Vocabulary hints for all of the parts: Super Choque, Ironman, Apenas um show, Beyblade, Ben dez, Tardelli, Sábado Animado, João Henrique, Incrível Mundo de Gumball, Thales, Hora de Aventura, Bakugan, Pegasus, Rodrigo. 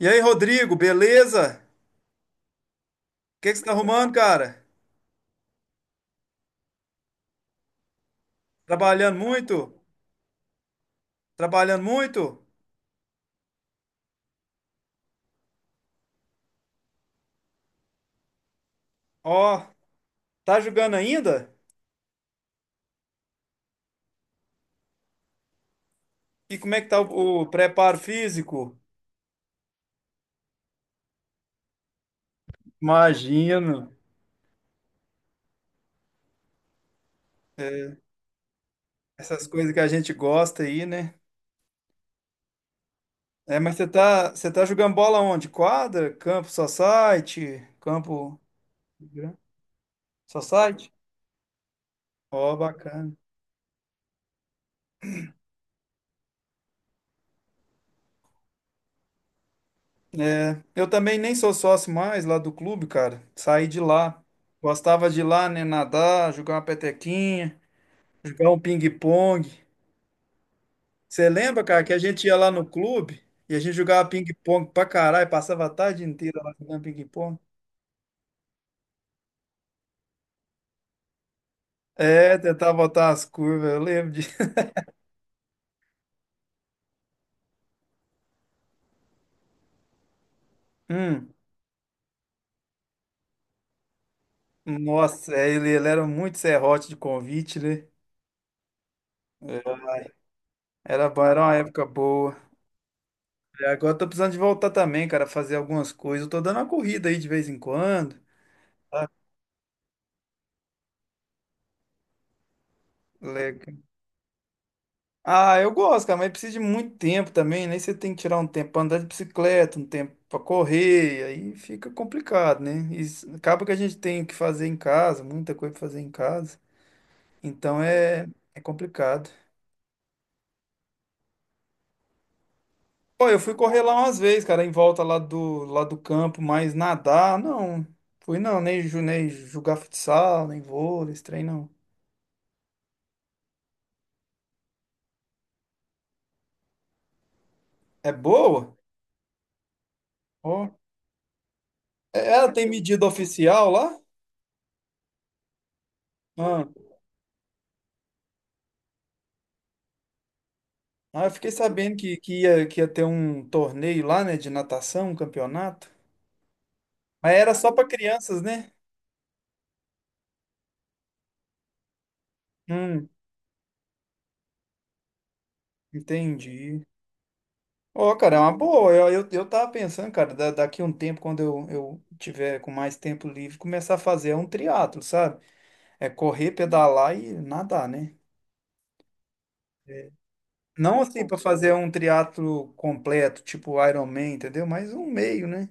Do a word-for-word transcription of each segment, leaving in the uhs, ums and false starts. E aí, Rodrigo, beleza? O que que você tá arrumando, cara? Trabalhando muito? Trabalhando muito? Ó, tá jogando ainda? E como é que tá o, o preparo físico? Imagino. Essas coisas que a gente gosta aí, né? É, mas você tá, você tá jogando bola onde? Quadra? Campo society? Campo society? Ó, bacana. É, eu também nem sou sócio mais lá do clube, cara. Saí de lá. Gostava de ir lá, né? Nadar, jogar uma petequinha. Jogar um ping-pong. Você lembra, cara, que a gente ia lá no clube e a gente jogava ping-pong pra caralho, passava a tarde inteira lá jogando ping-pong? É, tentava botar as curvas, eu lembro de. Hum, nossa, é, ele, ele era muito serrote de convite, né? É, era bom, era uma época boa. E agora eu tô precisando de voltar também, cara, fazer algumas coisas. Eu tô dando uma corrida aí de vez em quando. Ah, eu gosto, cara, mas precisa de muito tempo também, né? Aí você tem que tirar um tempo pra andar de bicicleta, um tempo pra correr, aí fica complicado, né? E s- acaba que a gente tem que fazer em casa, muita coisa pra fazer em casa, então é, é complicado. Pô, eu fui correr lá umas vezes, cara, em volta lá do, lá do campo, mas nadar, não. Fui não, nem, ju- nem jogar futsal, nem vôlei, esse trem não. É boa? Ó. É- Ela tem medida oficial lá? Ah. Ah, eu fiquei sabendo que, que, ia, que ia ter um torneio lá, né, de natação, um campeonato. Mas era só para crianças, né? Hum, entendi. Ó, cara, é uma boa. Eu, eu, eu tava pensando, cara, da, daqui a um tempo, quando eu, eu tiver com mais tempo livre, começar a fazer um triatlo, sabe? É correr, pedalar e nadar, né? Não assim para fazer um triatlo completo, tipo Ironman, entendeu? Mas um meio, né?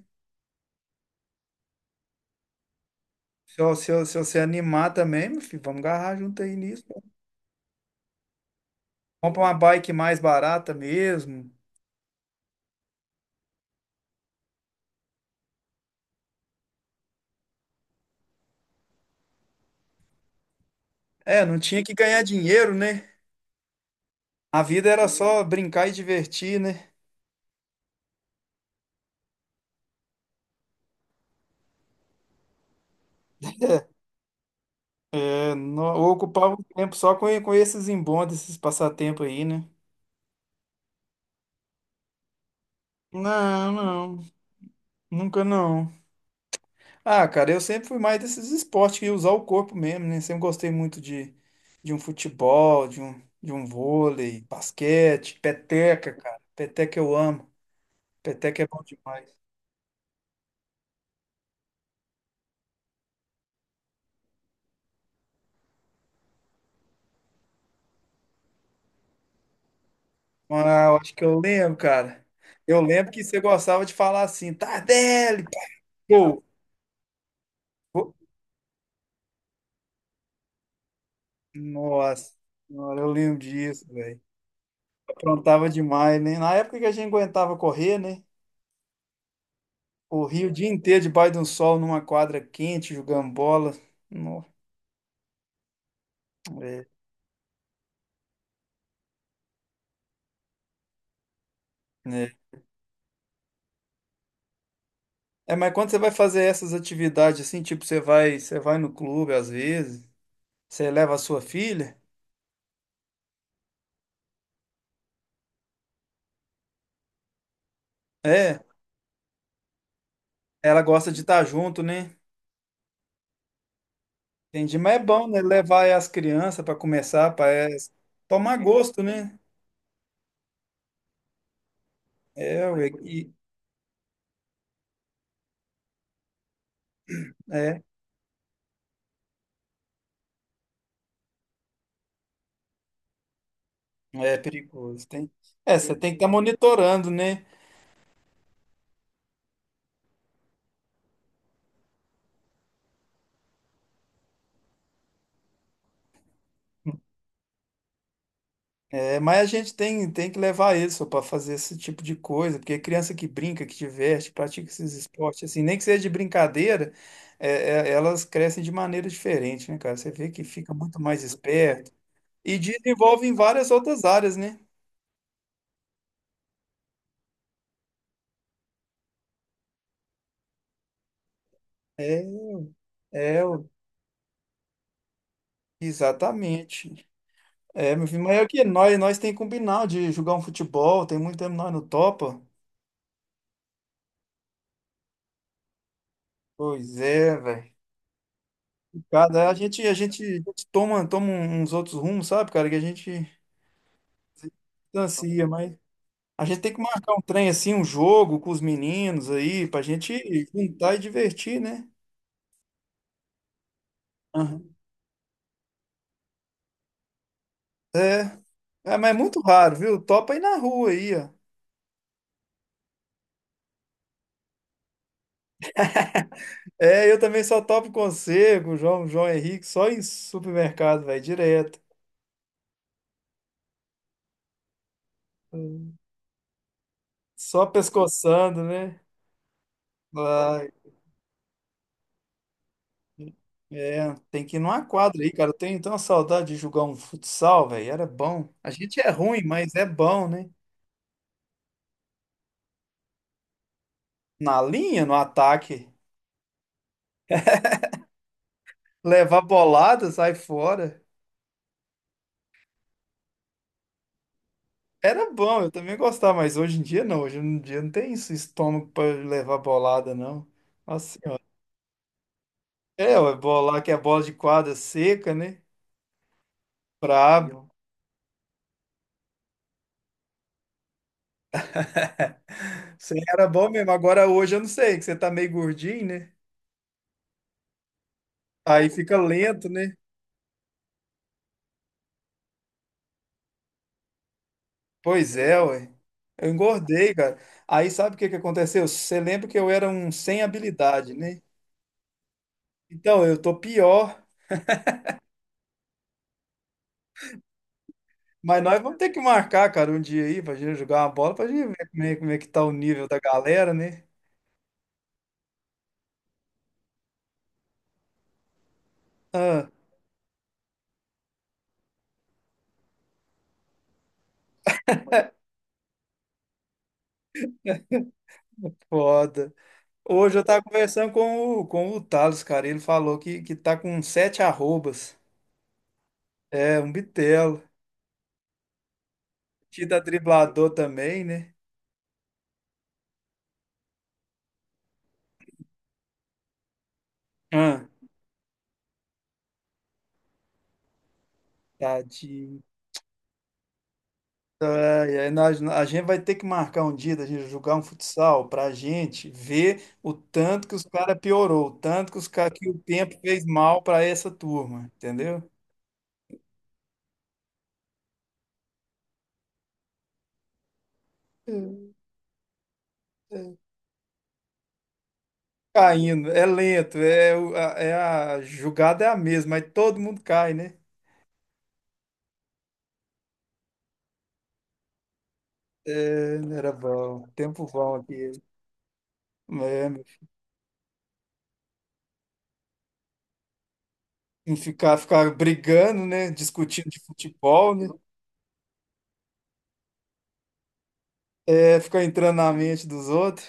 Se, eu- se, eu- se você animar também, meu filho, vamos agarrar junto aí nisso. Compra uma bike mais barata mesmo. É, não tinha que ganhar dinheiro, né? A vida era só brincar e divertir, né? É, nó- eu ocupava o tempo só com, com esses embondes, esses passatempos aí, né? Não, não, nunca não. Ah, cara, eu sempre fui mais desses esportes que usar o corpo mesmo, né? Sempre gostei muito de, de um futebol, de um, de um vôlei, basquete, peteca, cara. Peteca eu amo. Peteca é bom demais. Ah, eu acho que eu lembro, cara. Eu lembro que você gostava de falar assim, Tardelli, pô. Nossa senhora, eu lembro disso, velho. Aprontava demais, né? Na época que a gente aguentava correr, né? Corria o dia inteiro debaixo de um sol, numa quadra quente, jogando bola. Nossa, é, né? É, mas quando você vai fazer essas atividades assim, tipo, você vai, você vai no clube às vezes, você leva a sua filha, é, ela gosta de estar junto, né? Entendi, mas é bom, né? Levar as crianças para começar, para tomar gosto, né? É, ué, e- é, é perigoso. Tem... É, você tem que estar monitorando, né? É, mas a gente tem, tem que levar isso para fazer esse tipo de coisa, porque criança que brinca, que diverte, pratica esses esportes, assim, nem que seja de brincadeira, é, é, elas crescem de maneira diferente, né, cara? Você vê que fica muito mais esperto e desenvolve em várias outras áreas, né? É, é, exatamente. É, meu filho, mas é que nós, nós tem que combinar de jogar um futebol, tem muito tempo nós no topa. Pois é, velho. Cara, a gente, a gente, a gente toma, toma um, uns outros rumos, sabe, cara, que a gente se distancia, mas a gente tem que marcar um trem assim, um jogo com os meninos aí, pra gente juntar e divertir, né? Aham. É, é, mas é muito raro, viu? Topa aí na rua aí, ó. É, eu também só topo com você, com o João, João Henrique, só em supermercado, velho, direto. Hum. Só pescoçando, né? Ah, é, tem que ir numa quadra aí, cara. Eu tenho tanta saudade de jogar um futsal, velho. Era bom. A gente é ruim, mas é bom, né? Na linha, no ataque, levar bolada, sai fora. Era bom, eu também gostava, mas hoje em dia não. Hoje em dia não tem esse estômago pra levar bolada, não. Nossa senhora. É, ué, bolar que é bola de quadra seca, né? Brabo. Você era bom mesmo. Agora hoje eu não sei, que você tá meio gordinho, né? Aí fica lento, né? Pois é, ué. Eu engordei, cara. Aí sabe o que que aconteceu? Você lembra que eu era um sem habilidade, né? Então, eu tô pior, mas nós vamos ter que marcar, cara, um dia aí pra gente jogar uma bola, pra gente ver como é, como é que tá o nível da galera, né? Ah, foda. Hoje eu tava conversando com o, com o Thales, cara. Ele falou que, que tá com sete arrobas. É, um bitelo. Tita driblador também, né? Ah, tadinho. E aí nós, a gente vai ter que marcar um dia da gente jogar um futsal para a gente ver o tanto que os caras piorou, o tanto que os cara, que o tempo fez mal para essa turma, entendeu? Hum, hum. Caindo, é lento, é, o- a, é a jogada é a mesma, mas todo mundo cai, né? É, não era bom, tempo bom aqui. É, meu filho. E ficar, ficar brigando, né? Discutindo de futebol, né? É, ficar entrando na mente dos outros.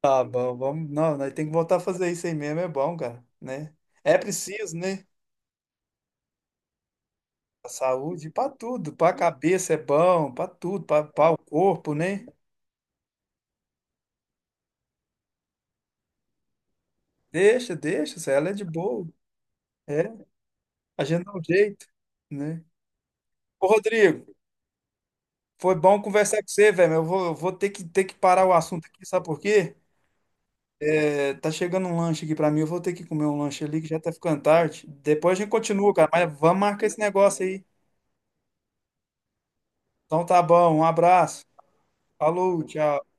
Tá bom, vamos. Não, nós tem que voltar a fazer isso aí mesmo, é bom, cara, né? É preciso, né? Pra saúde, pra tudo, pra cabeça é bom, pra tudo, pra, pra o corpo, né? Deixa, deixa, se ela é de boa. É, a gente dá um jeito, né? Ô, Rodrigo, foi bom conversar com você, velho, mas eu vou, eu vou ter que, ter que parar o assunto aqui, sabe por quê? É, tá chegando um lanche aqui pra mim, eu vou ter que comer um lanche ali que já tá ficando tarde. Depois a gente continua, cara, mas vamos marcar esse negócio aí. Então tá bom, um abraço. Falou, tchau.